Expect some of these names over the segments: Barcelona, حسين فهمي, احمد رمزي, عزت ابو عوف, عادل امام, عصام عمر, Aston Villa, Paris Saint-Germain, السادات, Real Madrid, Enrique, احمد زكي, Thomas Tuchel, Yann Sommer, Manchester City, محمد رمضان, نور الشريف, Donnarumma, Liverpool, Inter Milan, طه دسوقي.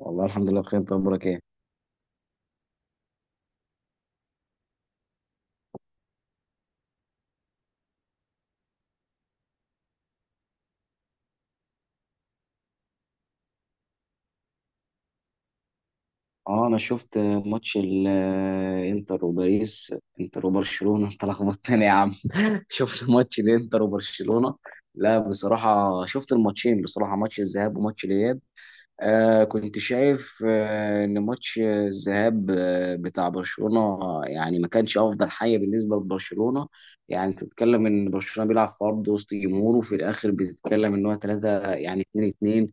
والله الحمد لله بخير. انت اخبارك ايه؟ اه، انا شفت ماتش الانتر وباريس، انتر وبرشلونه. انت لخبطتني يا عم. شفت ماتش الانتر وبرشلونه. لا، بصراحه شفت الماتشين، بصراحه ماتش الذهاب وماتش الاياب. كنت شايف، ان ماتش الذهاب بتاع برشلونه يعني ما كانش افضل حاجه بالنسبه لبرشلونه. يعني تتكلم ان برشلونه بيلعب في ارض وسط جمهوره، وفي الاخر بتتكلم ان هو ثلاثه، يعني 2-2.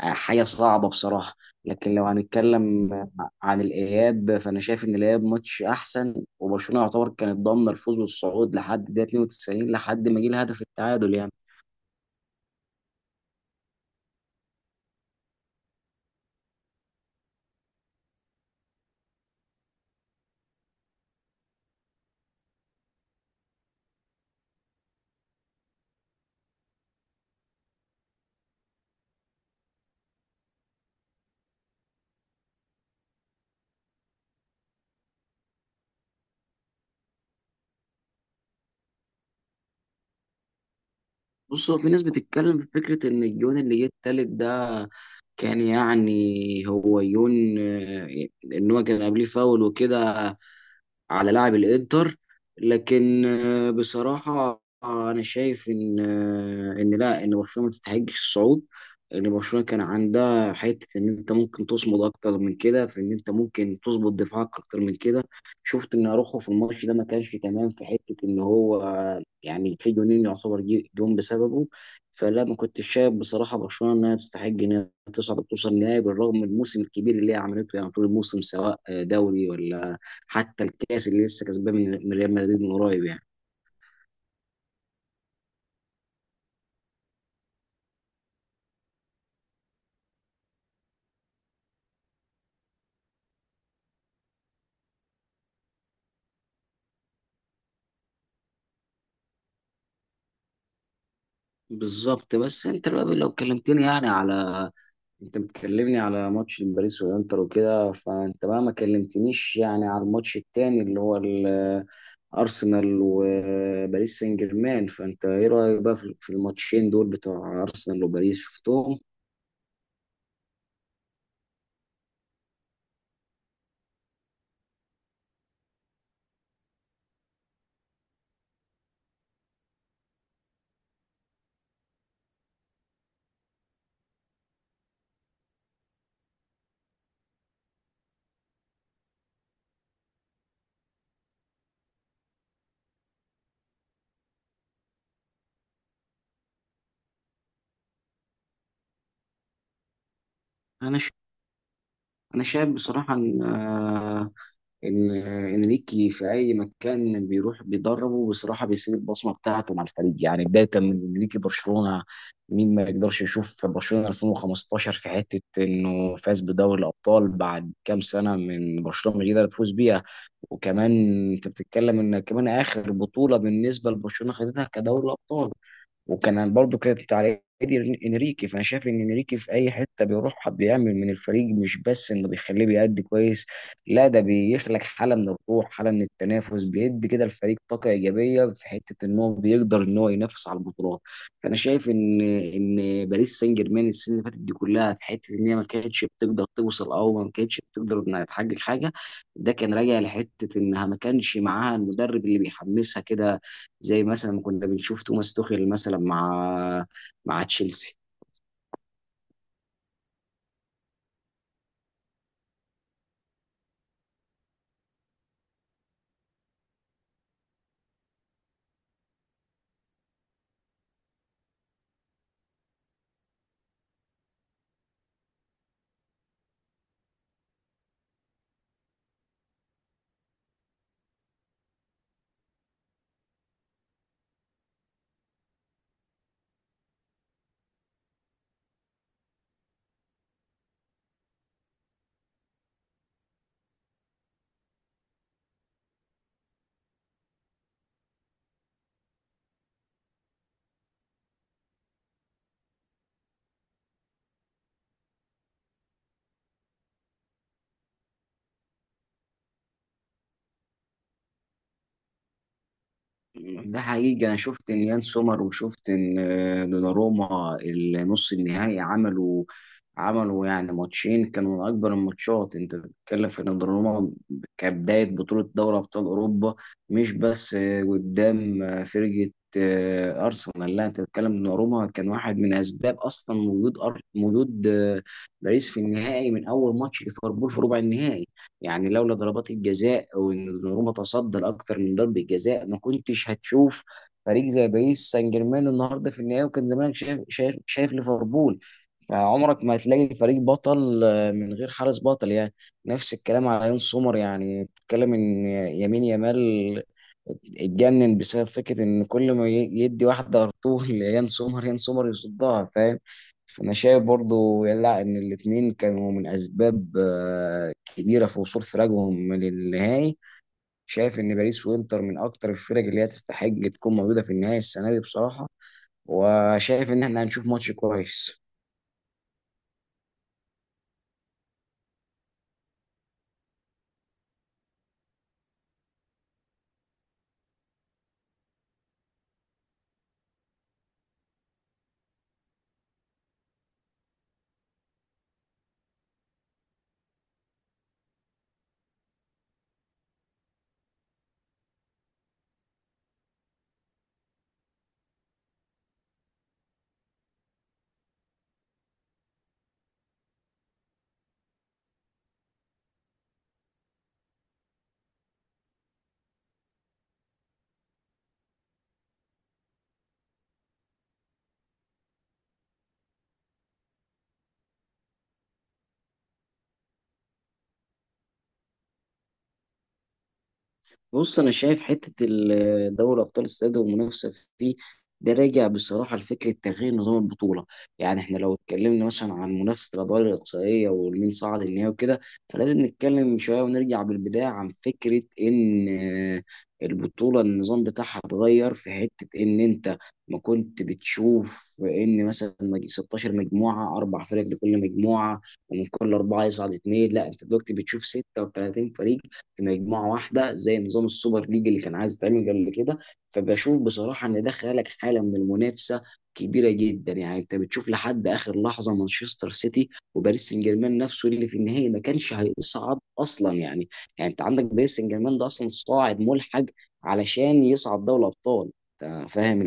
حاجه صعبه بصراحه. لكن لو هنتكلم عن الاياب، فانا شايف ان الاياب ماتش احسن، وبرشلونه يعتبر كانت ضامنه الفوز والصعود لحد دقيقه 92، لحد ما جه الهدف التعادل يعني. بص، هو في ناس بتتكلم في فكره ان الجون اللي جه التالت ده كان يعني، هو يون، ان هو كان قبليه فاول وكده، على لاعب الانتر. لكن بصراحة انا شايف ان، ان لا، ان برشلونة ما تستحقش الصعود. ان برشلونة كان عندها حتة ان انت ممكن تصمد اكتر من كده، في ان انت ممكن تظبط دفاعك اكتر من كده. شفت ان اروخو في الماتش ده ما كانش تمام، في حتة ان هو يعني في جونين يعتبر جون بسببه. فلا، ما كنتش شايف بصراحة برشلونة انها تستحق انها تصعد وتوصل النهائي، بالرغم من الموسم الكبير اللي هي عملته يعني طول الموسم، سواء دوري، ولا حتى الكاس اللي لسه كسبان من ريال مدريد من قريب يعني. بالظبط. بس انت بقى لو كلمتني يعني على، انت بتكلمني على ماتش باريس والانتر وكده، فانت بقى ما كلمتنيش يعني على الماتش التاني اللي هو ارسنال وباريس سان جيرمان. فانت ايه رايك بقى في في الماتشين دول بتوع ارسنال وباريس؟ شفتهم؟ انا ش... انا شايف بصراحه ان، ان انريكي في اي مكان بيروح بيدربه بصراحه بيسيب البصمه بتاعته مع الفريق. يعني بدايه من انريكي برشلونه، مين ما يقدرش يشوف برشلونه 2015 في حته انه فاز بدوري الابطال بعد كام سنه من برشلونه مش قادر تفوز بيها. وكمان انت بتتكلم ان كمان اخر بطوله بالنسبه لبرشلونه خدتها كدوري الابطال، وكان برضه كانت على ايدي انريكي. فانا شايف ان انريكي في اي حته بيروح بيعمل من الفريق مش بس انه بيخليه بيأدي كويس، لا، ده بيخلق حاله من الروح، حاله من التنافس، بيدي كده الفريق طاقه ايجابيه، في حته ان هو بيقدر ان هو ينافس على البطولات. فانا شايف ان باريس سان جيرمان السنه اللي فاتت دي كلها، في حته ان هي ما كانتش بتقدر توصل او ما كانتش بتقدر انها تحقق حاجه، ده كان راجع لحته انها ما كانش معاها المدرب اللي بيحمسها كده، زي مثلا ما كنا بنشوف توماس توخيل مثلا مع تشيلسي. ده حقيقي. انا شفت ان يان سومر، وشفت ان دوناروما النص النهائي عملوا، يعني ماتشين كانوا من اكبر الماتشات. انت بتتكلم في ان دوناروما كبدايه بطوله دوري ابطال اوروبا، مش بس قدام، فرقه، ارسنال. لا، انت بتتكلم دوناروما كان واحد من اسباب اصلا وجود، وجود باريس في النهائي، من اول ماتش ليفربول في ربع النهائي. يعني لولا ضربات الجزاء وان دوناروما تصدى لاكتر من ضربه جزاء، ما كنتش هتشوف فريق زي باريس سان جيرمان النهارده في النهائي، وكان زمانك شايف ليفربول. فعمرك ما هتلاقي فريق بطل من غير حارس بطل يعني. نفس الكلام على يون سومر. يعني بتتكلم ان يمين يامال اتجنن بسبب فكره ان كل ما يدي واحده ارطول يان سومر، يان سومر يصدها، فاهم؟ فانا شايف برضو، لا، ان الاتنين كانوا من اسباب كبيره في وصول فراقهم للنهائي. شايف ان باريس وانتر من اكتر الفرق اللي هي تستحق تكون موجوده في النهائي السنه دي بصراحه. وشايف ان احنا هنشوف ماتش كويس. بص، انا شايف حته دوري ابطال السادة والمنافسه فيه، ده راجع بصراحه لفكره تغيير نظام البطوله. يعني احنا لو اتكلمنا مثلا عن منافسه الادوار الاقصائيه والمين صعد النهائي وكده، فلازم نتكلم شويه ونرجع بالبدايه عن فكره ان، البطوله النظام بتاعها اتغير، في حته ان انت ما كنت بتشوف ان مثلا 16 مجموعه، اربع فرق لكل مجموعه، ومن كل اربعه يصعد اثنين. لا، انت دلوقتي بتشوف 36 فريق في مجموعه واحده، زي نظام السوبر ليج اللي كان عايز يتعمل قبل كده. فبشوف بصراحه ان ده خلق حاله من المنافسه كبيره جدا. يعني انت بتشوف لحد اخر لحظه، مانشستر سيتي وباريس سان جيرمان نفسه اللي في النهائي ما كانش هيصعد اصلا يعني. يعني انت عندك باريس سان جيرمان ده اصلا صاعد ملحق علشان يصعد دوري الابطال. انت فاهم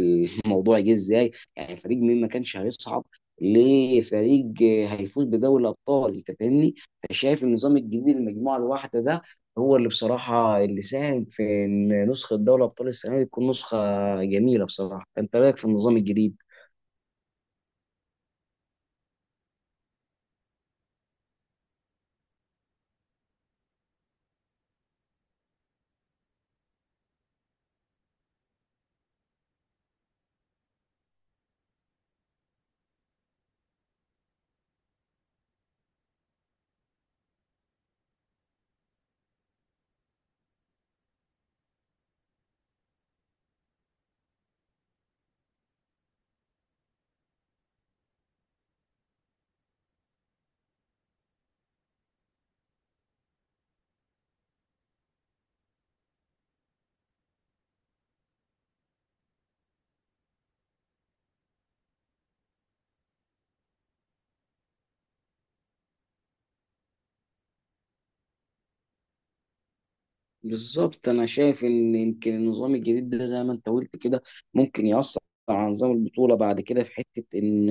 الموضوع جه ازاي؟ يعني فريق مين ما كانش هيصعد لفريق هيفوز بدوري الابطال، انت فاهمني؟ فشايف النظام الجديد المجموعه الواحده ده هو اللي بصراحة اللي ساهم في إن نسخة دوري أبطال السنة دي تكون نسخة جميلة بصراحة. أنت رأيك في النظام الجديد؟ بالظبط. انا شايف ان يمكن النظام الجديد ده زي ما انت قلت كده ممكن يأثر على نظام البطولة بعد كده، في حتة ان،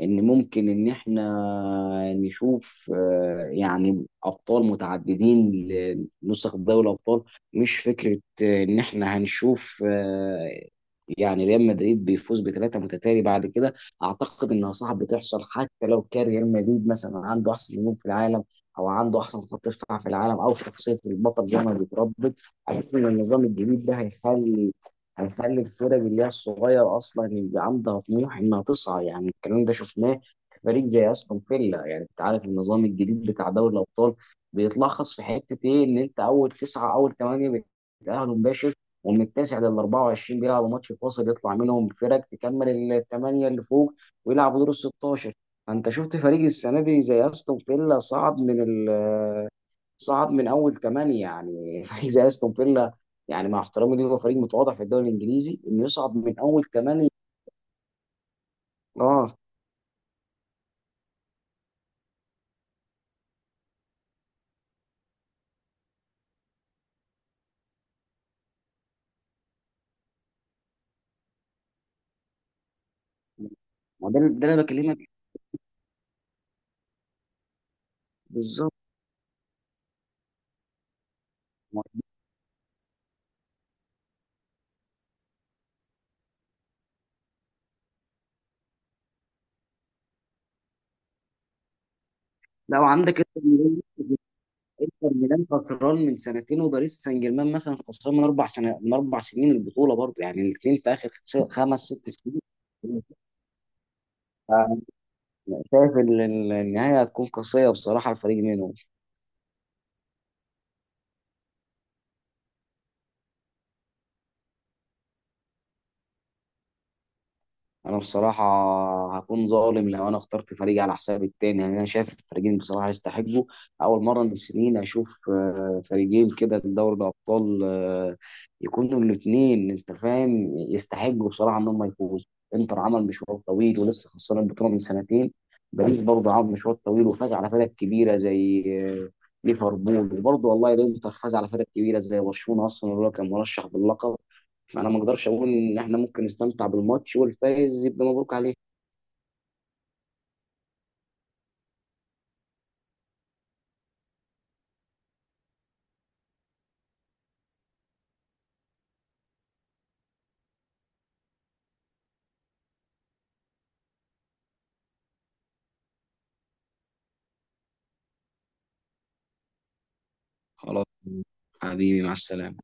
ممكن ان احنا نشوف، يعني ابطال متعددين لنسخ دوري الابطال. مش فكرة ان احنا هنشوف، يعني ريال مدريد بيفوز بثلاثة متتالي بعد كده. اعتقد انها صعب تحصل، حتى لو كان ريال مدريد مثلا عنده احسن نجوم في العالم، او عنده احسن خط دفاع في العالم، او شخصيه البطل زي ما بيتربط. اشوف ان النظام الجديد ده هيخلي، الفرق اللي هي الصغيره اصلا يبقى عندها طموح انها تسعى. يعني الكلام ده شفناه في فريق زي استون فيلا. يعني انت عارف النظام الجديد بتاع دوري الابطال بيتلخص في حته ايه؟ ان انت اول تسعه، اول ثمانيه بيتاهلوا مباشر، ومن التاسع لل 24 بيلعبوا ماتش فاصل يطلع منهم فرق تكمل الثمانيه اللي فوق ويلعبوا دور ال 16. انت شفت فريق السنه دي زي استون فيلا صعد من صعد من اول ثمانيه يعني. فريق زي استون فيلا، يعني مع احترامي ليه هو فريق متواضع في الدوري الانجليزي، انه يصعد من اول ثمانيه. اه. ما ده اللي انا بكلمك فيه. بالظبط. لو عندك انتر ميلان، انتر ميلان خسران من سنتين، وباريس سان جيرمان مثلا خسران من اربع سنة، من اربع سنين البطوله برضه، يعني الاثنين في اخر خمس ست سنين. شايف النهايه هتكون قاسيه بصراحه الفريق منهم. انا بصراحه هكون ظالم لو انا اخترت فريق على حساب التاني. يعني انا شايف الفريقين بصراحه يستحقوا. اول مره من سنين اشوف فريقين كده في دوري الابطال، يكونوا الاثنين، انت فاهم، يستحقوا بصراحه ان هم يفوزوا. انتر عمل مشوار طويل ولسه خسران البطوله من سنتين، باريس برضه عمل مشوار طويل وفاز على فرق كبيره زي آه، ليفربول، وبرضه والله الانتر فاز على فرق كبيره زي برشلونه اصلا اللي هو كان مرشح باللقب. فانا ما اقدرش اقول، ان احنا ممكن نستمتع بالماتش، والفايز يبقى مبروك عليه. خلاص. حبيبي، مع السلامة.